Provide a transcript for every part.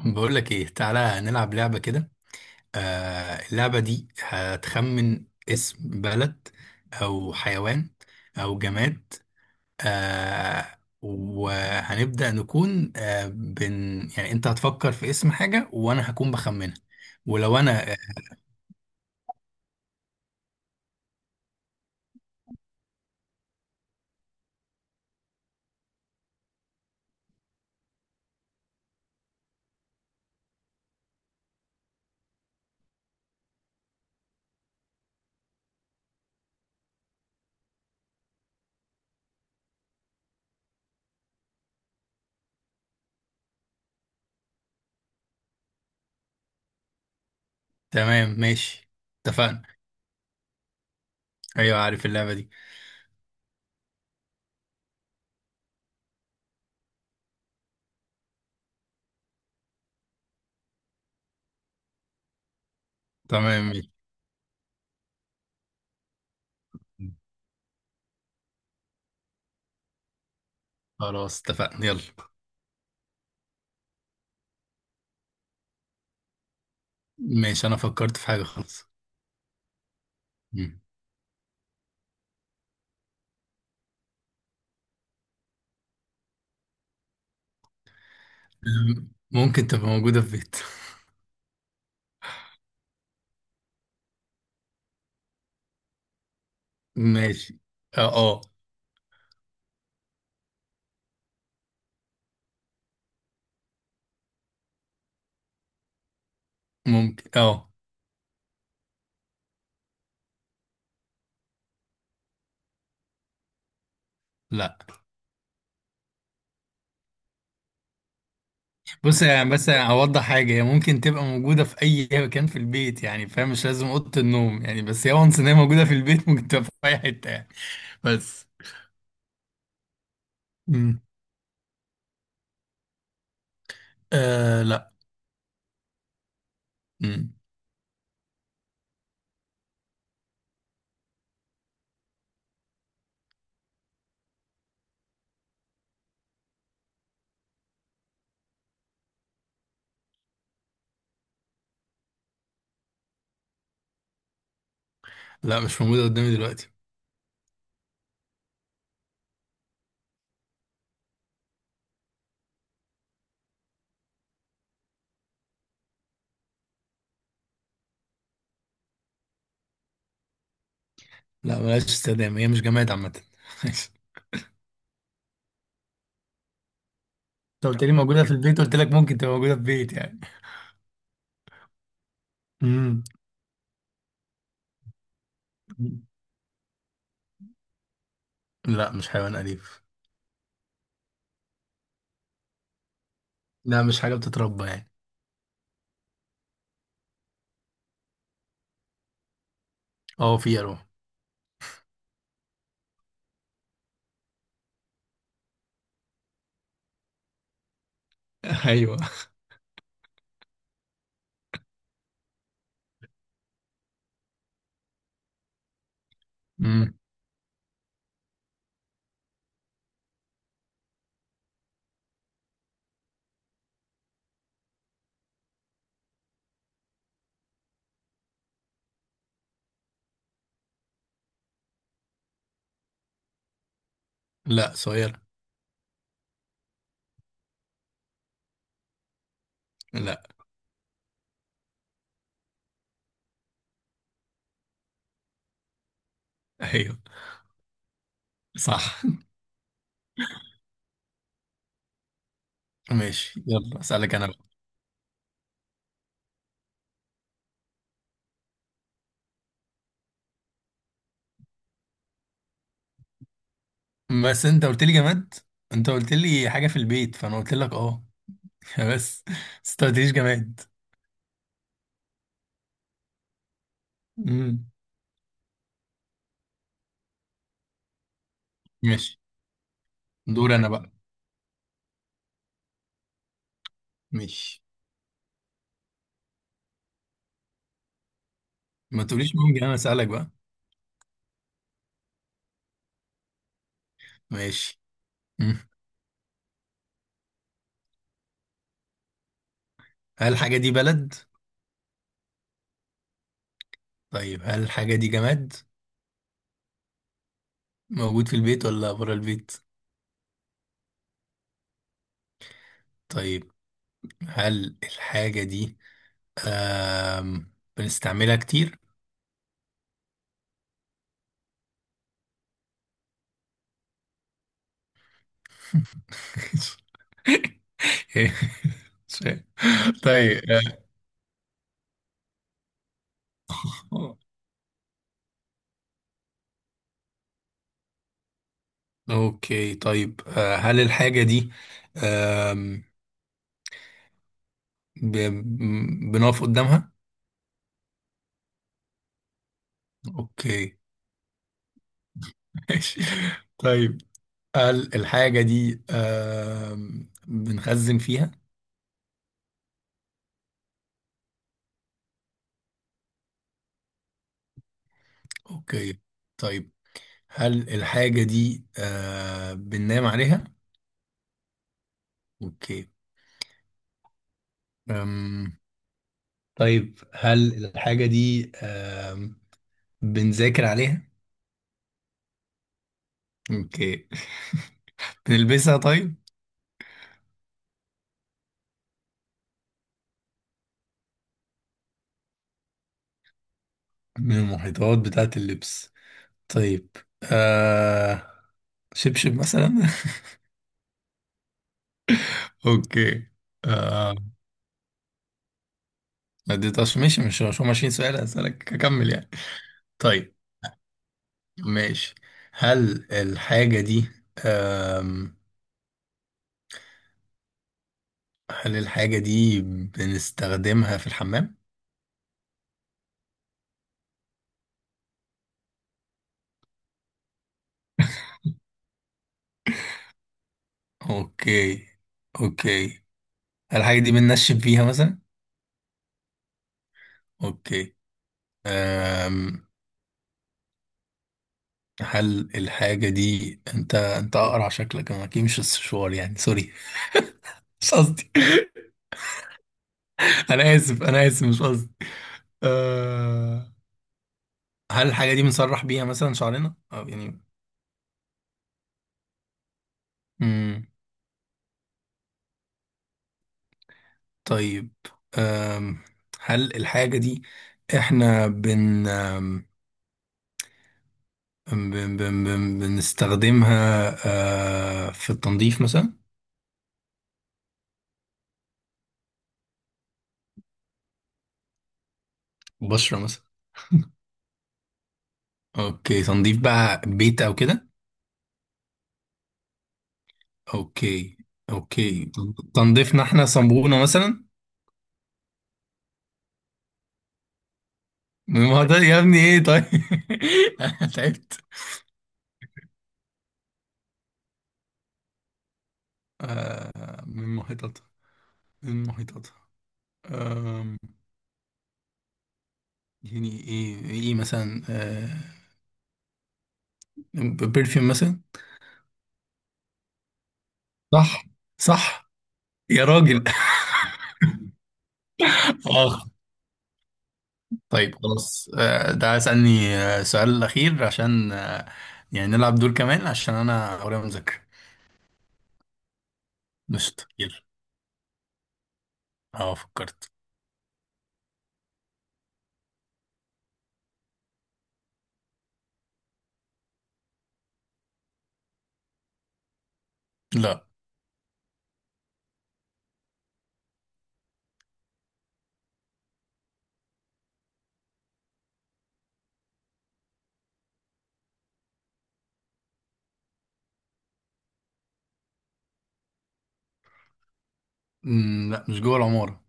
بقول لك ايه، تعالى نلعب لعبة كده. اللعبة دي هتخمن اسم بلد او حيوان او جماد. وهنبدأ نكون آه بن يعني انت هتفكر في اسم حاجة وانا هكون بخمنها. ولو انا تمام ماشي. اتفقنا. ايوه عارف اللعبة دي. تمام ماشي. خلاص اتفقنا يلا. ماشي، انا فكرت في حاجة خلاص. مم. ممكن تبقى موجودة في بيت. ماشي. اه اه. ممكن اه. لا. بص يعني بس اوضح حاجه، هي ممكن تبقى موجوده في اي مكان في البيت يعني، فاهم؟ مش لازم اوضه النوم يعني، بس هي وانس ان هي موجوده في البيت ممكن تبقى في اي حته يعني. بس. امم لا. امم لا مش موجوده قدامي دلوقتي. لا بلاش استخدام، هي مش جماد عامه. انت قلت لي موجوده في البيت، قلت لك ممكن تبقى موجوده في بيت يعني. امم لا مش حيوان اليف. لا مش حاجه بتتربى يعني. اه في اروح. ايوه. امم لا صغير. لا. ايوه صح. ماشي يلا، اسالك انا بقى. بس انت قلت لي جماد، انت قلت لي حاجه في البيت، فانا قلت لك اه. بس. بس انت ما قلتليش جماد. امم ماشي. دور انا بقى. ماشي، ما تقوليش ممكن، انا اسالك بقى. ماشي. مم. هل الحاجه دي بلد؟ طيب هل الحاجه دي جماد؟ موجود في البيت ولا بره البيت؟ طيب هل الحاجه دي بنستعملها كتير؟ مش عارف. طيب آه، اوكي. طيب هل الحاجة دي آم، ب- بنقف قدامها؟ اوكي. ماشي. طيب هل الحاجة دي بنخزن فيها؟ اوكي. طيب هل الحاجة دي بننام عليها؟ اوكي. أم، طيب هل الحاجة دي بنذاكر عليها؟ اوكي. بنلبسها طيب؟ من المحيطات بتاعة اللبس؟ طيب آه... شبشب مثلا؟ اوكي. آه... ما اديتهاش ماشي، مش هم 20 سؤال هسألك اكمل يعني. طيب ماشي. هل الحاجة دي آم... هل الحاجة دي بنستخدمها في الحمام؟ اوكي، اوكي. هل الحاجة دي بننشف فيها مثلا؟ اوكي. أم... هل الحاجة دي انت اقرع شكلك، انا اكيد مش السشوار يعني، سوري، مش قصدي. انا اسف انا اسف مش قصدي. أه هل الحاجة دي بنسرح بيها مثلا شعرنا؟ أو يعني. مم. طيب أم. هل الحاجة دي احنا بن أم، بن بن بن بنستخدمها أه في التنظيف مثلا؟ بشرة مثلا. اوكي تنظيف بقى بيت او كده؟ اوكي، اوكي. تنظيفنا احنا، صنبونة مثلا؟ من محيطات يا ابني ايه طيب؟ انا تعبت. أه من محيطاتها، من محيطاتها، يعني ايه؟ ايه مثلا؟ آه برفيوم مثلا؟ صح. صح يا راجل. اخ. طيب خلاص، ده اسألني السؤال الأخير عشان يعني نلعب دول كمان، عشان أنا ورايا مذاكرة مش كتير. اه فكرت. لا. مم، لا مش جوه العمارة.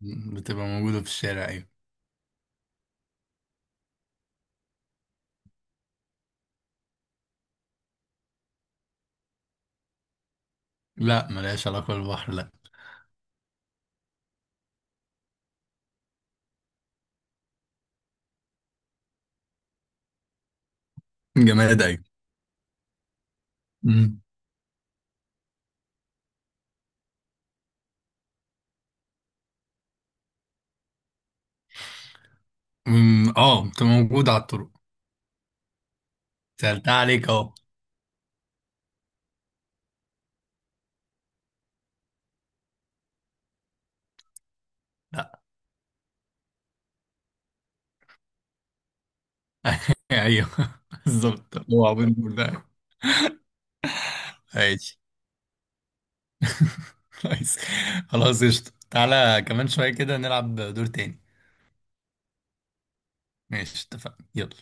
مم، بتبقى موجودة في الشارع أيوة. لا ملهاش علاقة بالبحر، لا. جماد أيوة. مم. مم، اه بتبقى موجودة على الطرق. سألتها عليك اهو. لا. ايوه. بالظبط، هو عبود بول ده. ماشي. كويس. خلاص قشطة، تعالى كمان شوية كده نلعب دور تاني. ماشي اتفقنا يلا.